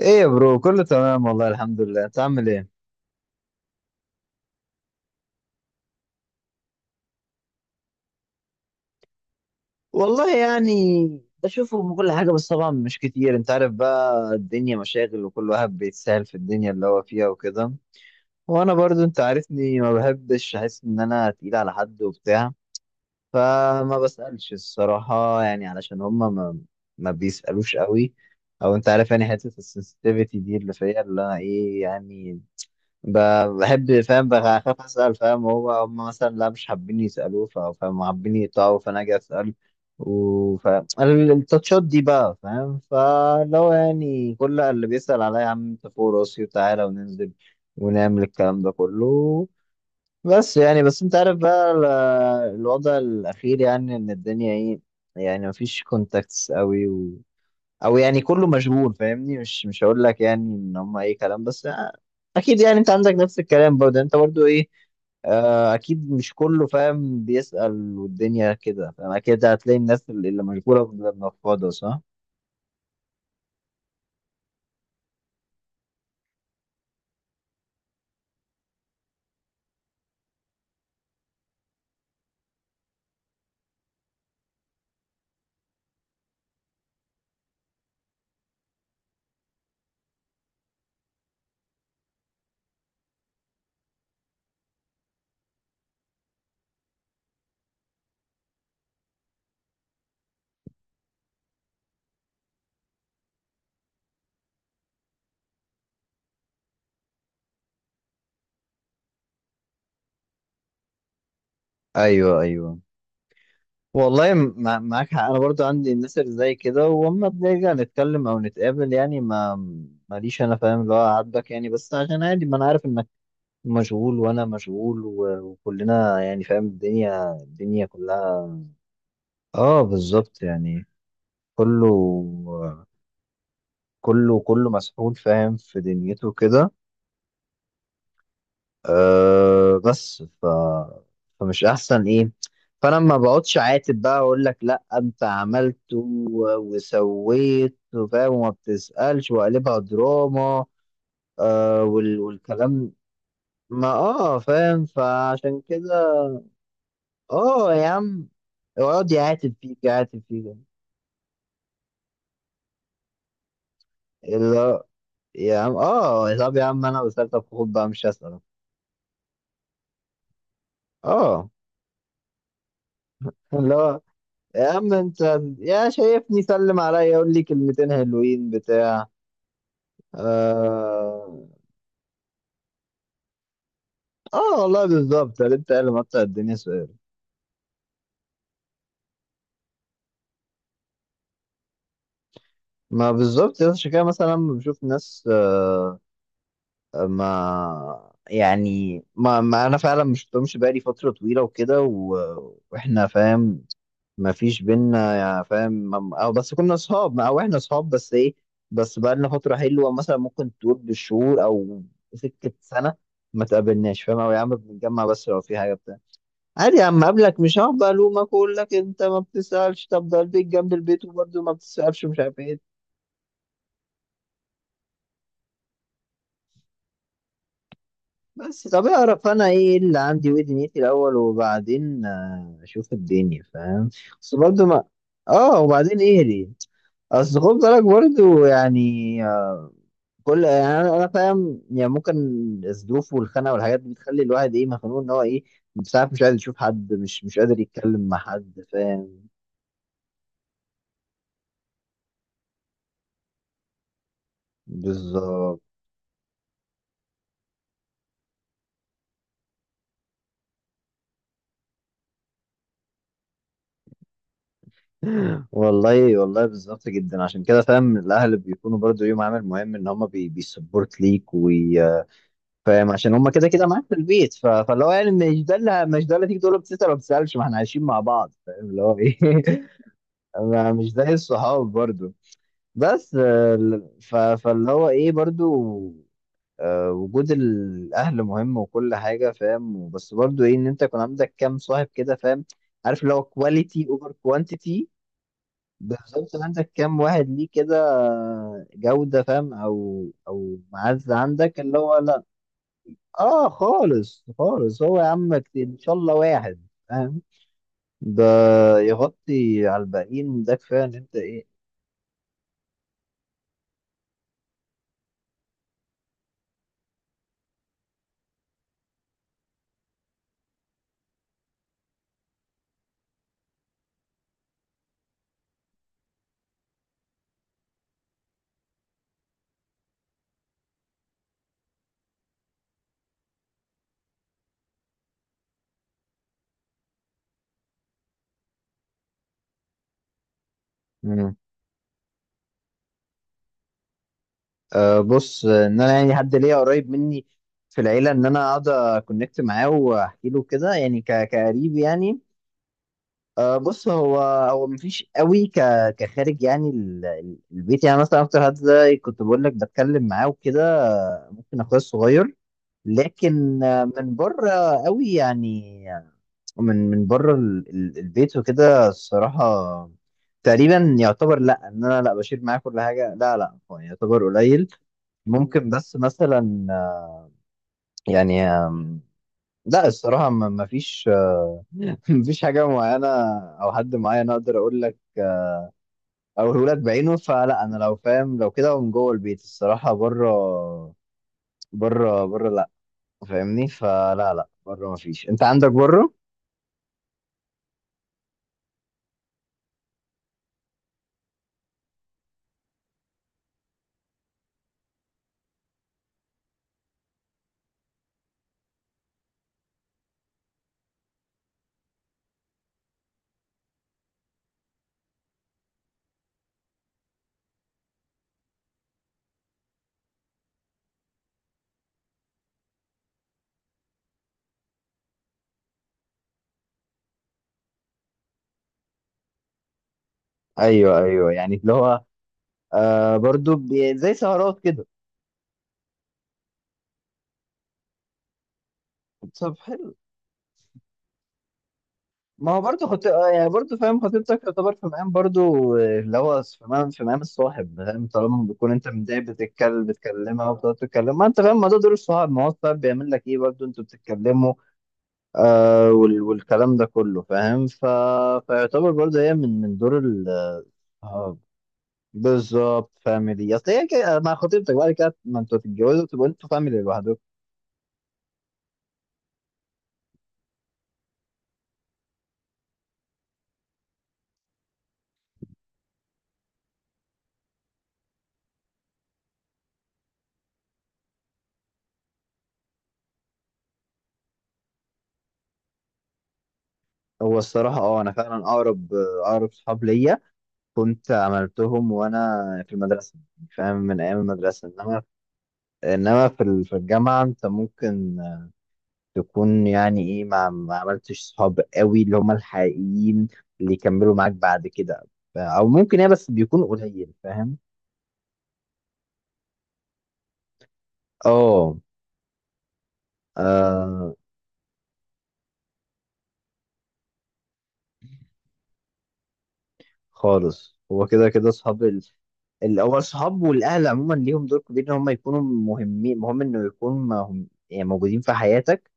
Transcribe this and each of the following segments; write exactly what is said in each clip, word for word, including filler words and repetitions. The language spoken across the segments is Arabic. ايه يا برو؟ كله تمام والله، الحمد لله. انت عامل ايه؟ والله يعني، بشوفه من كل حاجة، بس طبعا مش كتير، انت عارف بقى، الدنيا مشاغل وكل واحد بيتسهل في الدنيا اللي هو فيها وكده. وانا برضو انت عارفني، ما بحبش احس ان انا تقيل على حد وبتاع. فما بسألش الصراحة يعني علشان هما ما, ما بيسألوش قوي. او انت عارف يعني، حتة السنسيتيفيتي دي اللي فيا اللي انا ايه يعني. ب- بحب، فاهم، بخاف اسال، فاهم هو هم مثلا لا مش حابين يسالوه، ف- فاهم حابين يقطعوا، فانا اجي اسال. وف التاتشات دي بقى، فاهم، فلو يعني كل اللي بيسال عليا، يا عم انت فوق راسي وتعالى وننزل ونعمل الكلام ده كله. بس يعني بس انت عارف بقى ال- الوضع الاخير، يعني ان الدنيا ايه، يعني مفيش كونتاكتس قوي، او يعني كله مشغول فاهمني، مش مش هقول لك يعني ان هم اي كلام، بس آه، اكيد يعني انت عندك نفس الكلام برضه، يعني انت برضه ايه. آه، اكيد مش كله فاهم بيسأل والدنيا كده، فاهم، اكيد هتلاقي الناس اللي اللي مشغوله بتبقى منفضه، صح. ايوه، ايوه، والله مع- معاك حق. انا برضو عندي الناس اللي زي كده، واما بنرجع نتكلم او نتقابل يعني ما ماليش انا فاهم اللي هو عاتبك يعني، بس عشان عادي، ما انا عارف انك مشغول وانا مشغول و- وكلنا يعني فاهم، الدنيا الدنيا كلها. اه بالظبط يعني كله كله كله مسحول فاهم في دنيته كده. آه بس ف فمش احسن ايه. فانا ما بقعدش عاتب بقى اقول لك لا، انت عملت و- وسويت فاهم وما بتسألش وقلبها دراما. آه وال... والكلام. ما، اه فاهم، فعشان كده. اه، يا عم، اقعد يعاتب فيك يعاتب فيك. اللي هو، يا عم، اه طب يا عم انا وصلت، طب خد بقى مش هسأل. اه، اللي هو، يا عم انت، يا شايفني سلم عليا يقول لي كلمتين حلوين بتاع. اه، اه، والله بالظبط اللي انت قال، مقطع الدنيا سؤال. ما بالظبط، يا عشان كده مثلا لما بشوف ناس، آه ما يعني ما, ما انا فعلا مش شفتهمش بقالي فتره طويله وكده و... واحنا فاهم، ما فيش بينا، يا فاهم، مم- أو بس كنا اصحاب او احنا اصحاب بس ايه، بس بقى لنا فتره حلوه مثلا، ممكن تقول بالشهور او سكه سنه ما تقابلناش، فاهم، او يا عم بنتجمع بس لو في حاجه بتاع. عادي يا عم، قبلك مش هقعد بقى الومك اقول لك انت ما بتسالش، طب ده البيت جنب البيت وبرده ما بتسالش، مش عارف ايه. بس طب اعرف انا ايه اللي عندي وايه دنيتي الاول، وبعدين آه، اشوف الدنيا، فاهم. بس برده ما، اه وبعدين ايه ليه؟ اصل خد بالك برضو يعني، آه، كل يعني انا أنا فاهم، يعني ممكن الظروف والخناقه والحاجات دي بتخلي الواحد ايه، مخنوق ان هو ايه، ساعات مش قادر يشوف حد، مش مش قادر يتكلم مع حد، فاهم. بالظبط. والله والله بالظبط جدا، عشان كده فاهم الاهل بيكونوا برضو ليهم عامل مهم، ان هم بي بيسبورت ليك، وفاهم عشان هم كده كده معاك في البيت، ف- فاللي هو يعني مش ده اللي مش ده اللي تيجي تقول له بتسال ولا ما بتسالش، ما احنا عايشين مع بعض فاهم اللي هو ايه ما- مش زي الصحاب برضو. بس، آه، ف- فاللي هو ايه برضو، آه، وجود الاهل مهم وكل حاجه فاهم، بس برضو ايه ان انت يكون عندك كام صاحب كده، فاهم، عارف اللي هو كواليتي اوفر كوانتيتي. بالظبط، إن عندك كام واحد ليه كده، جوده فاهم، او او معزه عندك اللي هو لا. اه، خالص خالص، هو يا عم كتير، ان شاء الله واحد فاهم ده يغطي على الباقيين، ده كفايه ان انت ايه. أه بص، ان انا يعني حد ليا قريب مني في العيله ان انا اقعد اكونكت معاه واحكي له كده، يعني ك- كقريب يعني. أه بص، هو هو مفيش قوي ك كخارج، يعني ال- ال- البيت، يعني مثلا اكتر حد ده كنت بقول لك بتكلم معاه وكده، آه، ممكن اخويا الصغير. لكن آه، من بره قوي يعني، من من بره ال- ال- البيت وكده الصراحه، تقريبا يعتبر لا، ان انا لا بشيل معاه كل حاجه، لا، لا، هو يعتبر قليل. ممكن بس مثلا آه، يعني آم، لا الصراحة ما ما فيش آه، ما فيش حاجة معينة أو حد معين أقدر أقول لك أقوله لك بعينه. فلا أنا لو فاهم، لو كده، من جوه البيت الصراحة. بره، بره، بره، لا فاهمني، فلا، لا بره ما فيش. أنت عندك بره؟ أيوه، أيوه، يعني اللي هو آه برضو بي- زي سهرات كده. ما هو برضه خط... آه يعني برضه فاهم خطيبتك تعتبر في مقام برضه، آه، اللي هو في مقام في مقام الصاحب فاهم، طالما بتكون انت متضايق بتتكلم بتكلمها وبتقعد تتكلم، ما انت فاهم، ما ده دور الصاحب، ما هو الصاحب بيعمل لك ايه برضه، انتوا بتتكلموا، آه وال... والكلام ده كله فاهم ف... فيعتبر برضه هي من من دور ال آه، بالظبط، فاميلي، اصل هي كده، مع خطيبتك بعد كده ما انتوا تتجوزوا تبقوا انتوا فاميلي لوحدكم. هو الصراحة اه انا فعلا اقرب، آه، اقرب صحاب ليا كنت عملتهم وانا في المدرسه، يعني فاهم من ايام المدرسه. انما انما في ال- في الجامعه انت ممكن تكون يعني ايه ما, ما عملتش صحاب قوي اللي هم الحقيقيين اللي يكملوا معاك بعد كده، ف- او ممكن ايه بس بيكون قليل فاهم. اه، آه، خالص هو كده كده صحاب ال- الاول. صحاب والاهل عموما ليهم دور كبير ان هم يكونوا مهمين، مهم انه يكون مهم يعني موجودين في حياتك.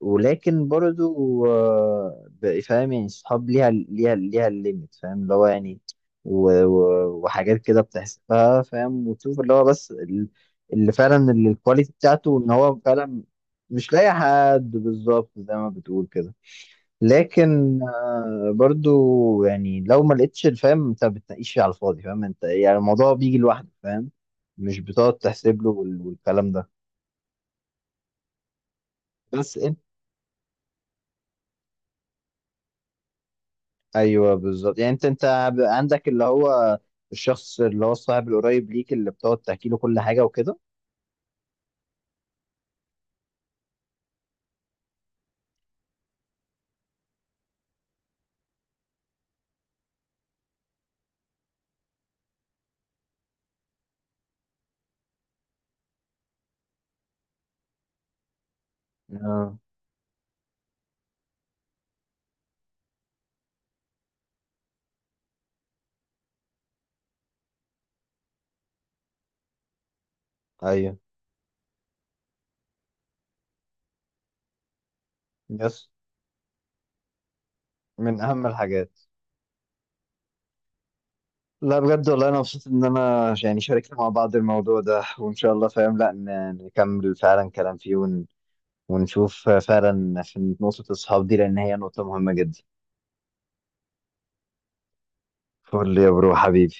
ولكن برضو آه، ب- فاهم يعني الصحاب ليها ليها ليها الليميت فاهم اللي هو يعني، و- و- وحاجات كده بتحسبها فاهم، وتشوف اللي هو بس ال- اللي فعلا ال- الكواليتي بتاعته ان هو فعلا مش لاقي حد، بالظبط زي ما بتقول كده. لكن آه، برضو يعني لو ما لقيتش الفهم انت بتناقش على الفاضي، فاهم انت يعني، الموضوع بيجي لوحده، فاهم، مش بتقعد تحسب له وال- والكلام ده. بس. ايوه بالظبط يعني انت انت ب- عندك اللي هو الشخص اللي هو الصاحب القريب ليك اللي بتقعد تحكي له كل حاجه وكده. اه. ايوه. يس. من اهم الحاجات. لا بجد، والله انا مبسوط ان انا يعني شاركنا مع بعض الموضوع ده، وان شاء الله فاهم لا ن- نكمل فعلا كلام فيه ون... ونشوف فعلا في نقطه الصحاب دي، لان هي نقطه مهمه جدا. فول يا برو حبيبي.